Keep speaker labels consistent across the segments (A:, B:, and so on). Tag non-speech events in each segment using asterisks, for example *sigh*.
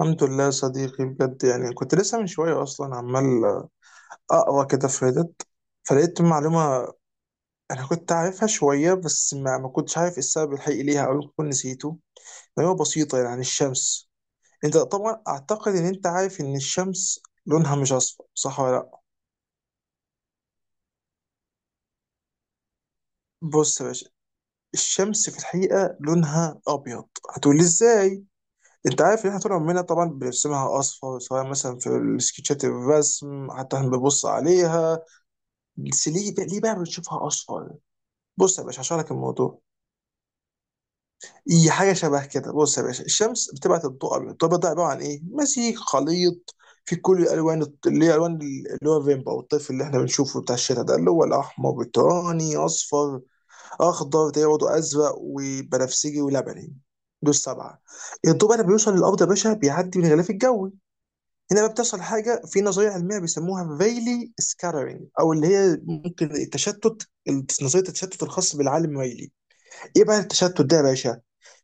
A: الحمد لله يا صديقي، بجد. يعني كنت لسه من شوية أصلا عمال أقرأ كده في ريدت، فلقيت معلومة أنا كنت عارفها شوية بس ما كنتش عارف السبب الحقيقي ليها أو كنت نسيته. معلومة بسيطة يعني عن الشمس. أنت طبعا أعتقد إن أنت عارف إن الشمس لونها مش أصفر، صح ولا لأ؟ بص يا باشا، الشمس في الحقيقة لونها أبيض. هتقولي إزاي؟ انت عارف ان احنا طول عمرنا طبعا بنرسمها اصفر، سواء مثلا في السكتشات الرسم، حتى احنا بنبص عليها. بس ليه بقى بنشوفها اصفر؟ بص يا باشا، هشرح لك الموضوع. هي حاجه شبه كده. بص يا باشا، الشمس بتبعت الضوء ابيض. الضوء ده عباره عن ايه؟ مزيج، خليط في كل الالوان، اللي هي الوان اللي هو فيمبا او الطيف اللي احنا بنشوفه بتاع الشتاء، ده اللي هو الاحمر، برتقاني، اصفر، اخضر ده برضه، ازرق، وبنفسجي، ولبني. دول السبعه. الضوء بقى لما بيوصل للارض يا باشا بيعدي من الغلاف الجوي. هنا بقى بتحصل حاجه في نظريه علميه بيسموها فيلي سكاترينج، او اللي هي ممكن التشتت، نظريه التشتت الخاص بالعالم ريلي. ايه بقى التشتت ده يا باشا؟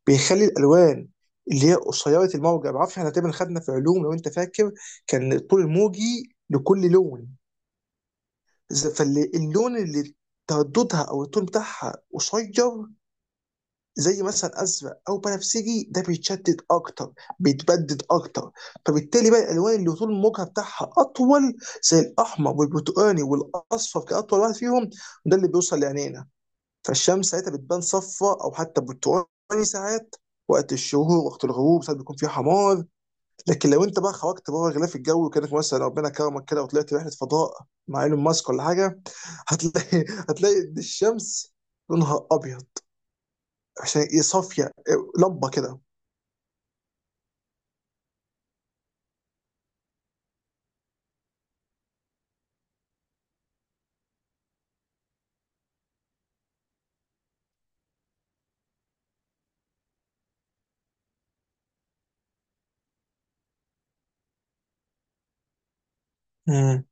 A: بيخلي الالوان اللي هي قصيره الموجه، بعرفش احنا تقريبا خدنا في علوم لو انت فاكر، كان الطول الموجي لكل لون. فاللون اللي ترددها او الطول بتاعها قصير، زي مثلا ازرق او بنفسجي، ده بيتشدد اكتر، بيتبدد اكتر. فبالتالي بقى الالوان اللي طول الموجه بتاعها اطول، زي الاحمر والبرتقاني والاصفر كاطول واحد فيهم، ده اللي بيوصل لعينينا. فالشمس ساعتها بتبان صفراء او حتى برتقاني ساعات، وقت الشهور وقت الغروب ساعات بيكون فيه حمار. لكن لو انت بقى خرجت بره غلاف الجو، كانك مثلا ربنا كرمك كده وطلعت رحله فضاء مع ايلون ماسك ولا حاجه، هتلاقي *laughs* هتلاقي الشمس لونها ابيض، عشان يصفي لمبه كده. امم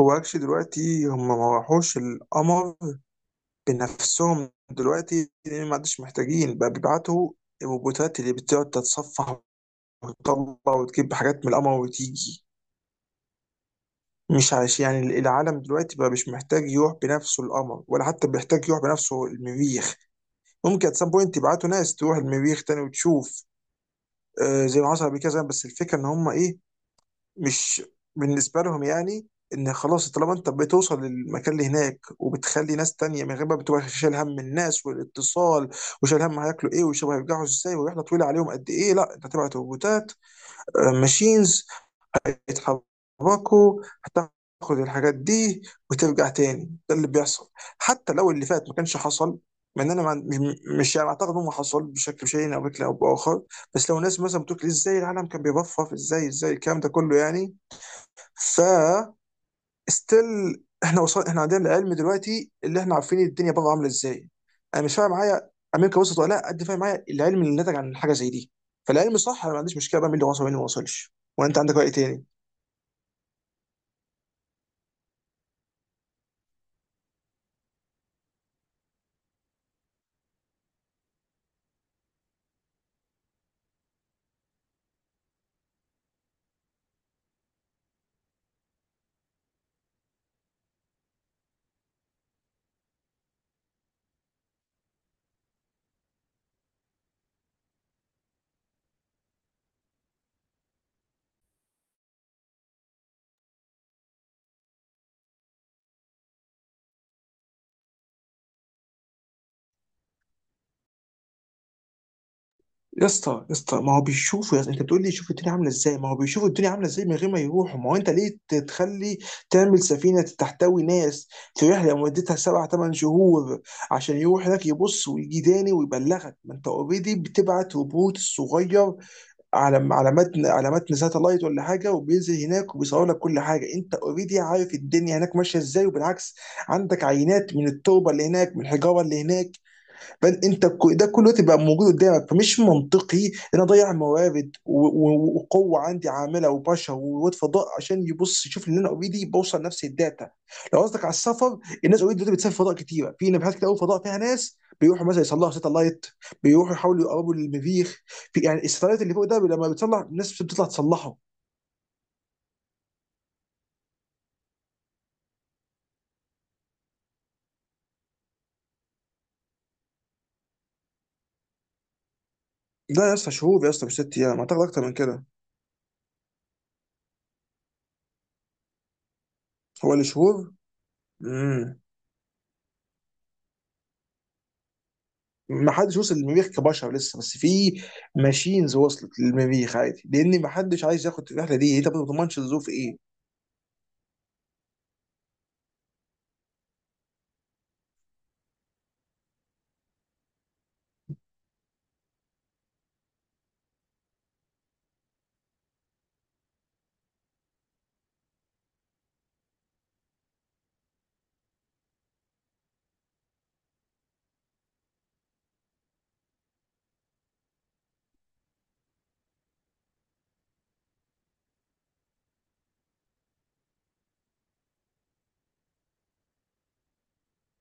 A: هو اكشلي دلوقتي هم ما راحوش القمر بنفسهم دلوقتي، لان ما عادش محتاجين بقى بيبعتوا الروبوتات اللي بتقعد تتصفح وتطلع وتجيب حاجات من القمر وتيجي. مش عايش يعني العالم دلوقتي بقى مش محتاج يروح بنفسه القمر ولا حتى بيحتاج يروح بنفسه المريخ. ممكن ات سام بوينت يبعتوا ناس تروح المريخ تاني وتشوف، آه زي ما حصل قبل كده زمان، بس الفكره ان هم ايه، مش بالنسبه لهم يعني، ان خلاص طالما انت بتوصل للمكان اللي هناك وبتخلي ناس تانية من غير ما بتبقى شايل هم الناس والاتصال وشايل هم هياكلوا ايه وشبه هيرجعوا ازاي ورحله طويله عليهم قد ايه، لا انت هتبعت روبوتات، ماشينز يتحركوا هتاخد الحاجات دي وترجع تاني. ده اللي بيحصل، حتى لو اللي فات ما كانش حصل. مع ان انا مش يعني اعتقد انه حصل بشكل شيء او بشكل او باخر، بس لو ناس مثلا بتقول ازاي العالم كان بيبفف، ازاي ازاي الكلام ده كله يعني، ف ستيل احنا وصل، احنا عندنا العلم دلوقتي اللي احنا عارفين الدنيا بره عامله ازاي. انا مش فاهم معايا امريكا وصلت ولا لا، قد فاهم معايا العلم اللي نتج عن حاجه زي دي. فالعلم صح، انا ما عنديش مشكله بقى مين اللي وصل ومين اللي ما وصلش. وانت عندك راي تاني. يا اسطى يا اسطى، ما هو بيشوفوا يا اسطى، انت بتقول لي شوف الدنيا عامله ازاي؟ ما هو بيشوفوا الدنيا عامله ازاي من غير ما يروحوا. ما هو انت ليه تتخلي تعمل سفينه تحتوي ناس في رحله مدتها سبع ثمان شهور عشان يروح هناك يبص ويجي تاني ويبلغك، ما انت اوريدي بتبعت روبوت صغير على على متن على متن ساتلايت ولا حاجه، وبينزل هناك وبيصور لك كل حاجه. انت اوريدي عارف الدنيا هناك ماشيه ازاي، وبالعكس عندك عينات من التربه اللي هناك من الحجاره اللي هناك. فانت ده كله تبقى موجود قدامك. فمش منطقي ان انا اضيع موارد وقوه عندي عامله وبشر وواد فضاء عشان يبص يشوف ان انا اوريدي بوصل نفس الداتا. لو قصدك على السفر، الناس اوريدي دلوقتي بتسافر فضاء كتيره، في نبحات كتير قوي فضاء فيها ناس بيروحوا مثلا يصلحوا ساتلايت، بيروحوا يحاولوا يقربوا للمريخ. في يعني الساتلايت اللي فوق ده لما بتصلح الناس بتطلع تصلحه. لا يا اسطى، شهور يا اسطى، مش ست ايام، اعتقد اكتر من كده. هو اللي شهور. امم ما حدش وصل للمريخ كبشر لسه، بس في ماشينز وصلت للمريخ عادي، لان ما حدش عايز ياخد الرحله دي، انت ما بتضمنش الظروف ايه.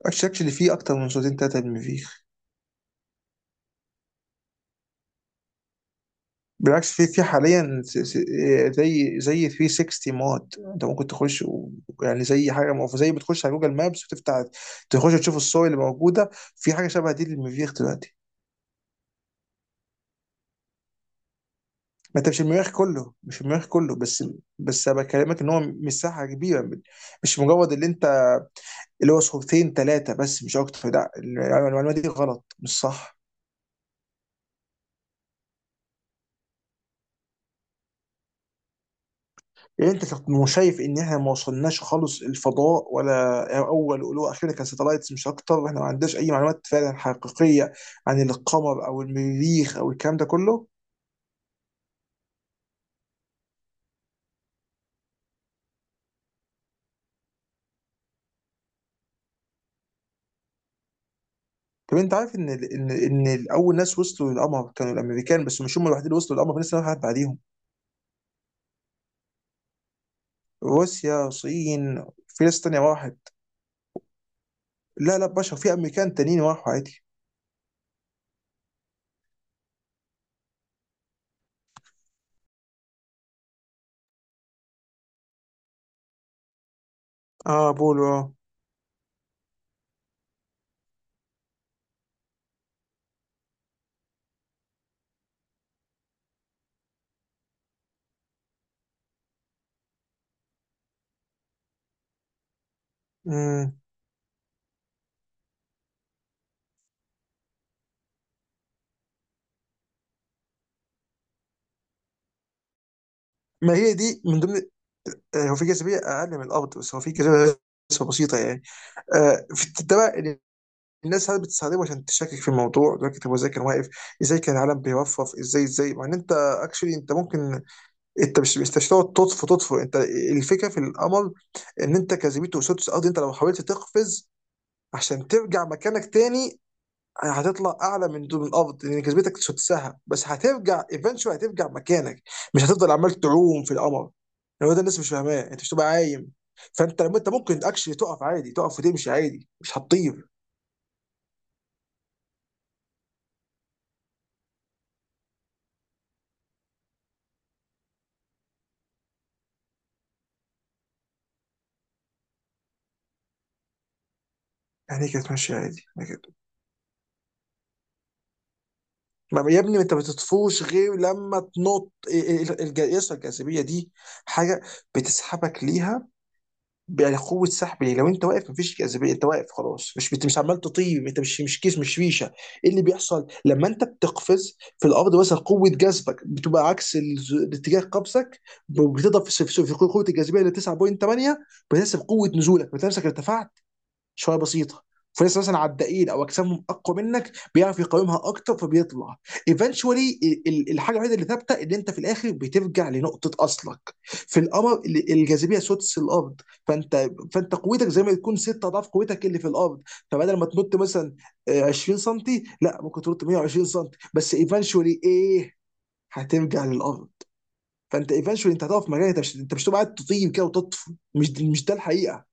A: الشكل اللي فيه اكتر من صوتين ثلاثه للمريخ. بالعكس، في حاليا زي 360 مود انت ممكن تخش يعني زي حاجه زي بتخش على جوجل مابس وتفتح، تخش تشوف الصور اللي موجوده. في حاجه شبه دي للمريخ دلوقتي. ما انت مش المريخ كله، مش المريخ كله بس، بس انا بكلمك ان هو مساحه كبيره، مش مجرد اللي انت اللي هو صورتين ثلاثه بس، مش اكتر. لا، المعلومه دي غلط، مش صح. يعني انت مش شايف ان احنا ما وصلناش خالص الفضاء ولا اول ولو اخيرا كساتلايتس مش اكتر، واحنا ما عندناش اي معلومات فعلا حقيقيه عن القمر او المريخ او الكلام ده كله؟ طب انت عارف ان اول ناس وصلوا للقمر كانوا الامريكان، بس مش هم الوحيدين اللي وصلوا للقمر، في ناس واحد بعديهم. روسيا، الصين، في ناس تانية راحت. لا لا بشر، في امريكان تانيين راحوا عادي. اه بولو اه. مم. ما هي دي من ضمن، هو في جاذبيه اقل من الارض بس هو في جاذبيه، بس بسيطه يعني. في ده بقى اللي الناس ساعات بتستخدمه عشان تشكك في الموضوع دلوقتي. طب ازاي كان واقف؟ ازاي كان العالم بيرفرف؟ ازاي؟ مع ان انت اكشلي انت ممكن، انت مش تقعد تطفو تطفو انت. الفكره في القمر ان انت جاذبيته سدس الارض. انت لو حاولت تقفز عشان ترجع مكانك تاني، هتطلع اعلى من دول من الارض لان كسبتك تسدسها، بس هترجع ايفنشوال هترجع مكانك. مش هتفضل عمال تعوم في القمر. يعني هو ده الناس مش فاهماه، انت مش تبقى عايم. فانت لما انت ممكن اكشلي تقف عادي، تقف وتمشي عادي، مش هتطير. يعني إيه كانت ماشيه عادي يعني كده؟ يا ابني، انت ما بتطفوش غير لما تنط يسرى الجاذبيه دي، حاجه بتسحبك ليها، يعني قوه سحب. ليه لو انت واقف مفيش جاذبيه، انت واقف خلاص، مش مش عمال تطير، انت مش كيس، مش ريشه. ايه اللي بيحصل لما انت بتقفز في الارض مثلا؟ قوه جذبك بتبقى عكس اتجاه قفزك، بتضرب في قوه الجاذبيه اللي 9.8، بتحسب قوه نزولك، بتحسب ارتفعت شويه بسيطه. فلسه مثلا على الدقيق او اجسامهم اقوى منك، بيعرف يقاومها اكتر فبيطلع ايفنشولي. الحاجه الوحيده اللي ثابته ان انت في الاخر بترجع لنقطه اصلك. في القمر الجاذبيه سدس الارض، فانت قوتك زي ما تكون ست اضعاف قوتك اللي في الارض. فبدل ما تنط مثلا 20 سم، لا ممكن تنط 120 سم. بس ايفنشولي ايه؟ هترجع للارض. فانت ايفنشولي انت هتقف في مكانك، انت مش هتبقى قاعد تطير كده وتطفو. مش ده الحقيقه،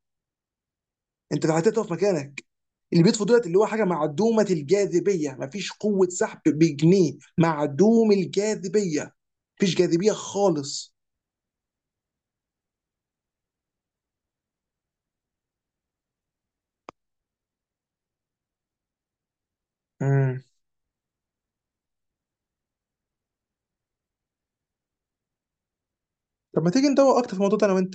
A: انت لو هتقدر تقف مكانك. اللي بيطفو دولت اللي هو حاجه معدومه الجاذبيه، مفيش قوه سحب بجنيه، معدوم الجاذبيه، مفيش جاذبيه خالص. امم طب ما تيجي ندور اكتر في الموضوع ده انا وانت.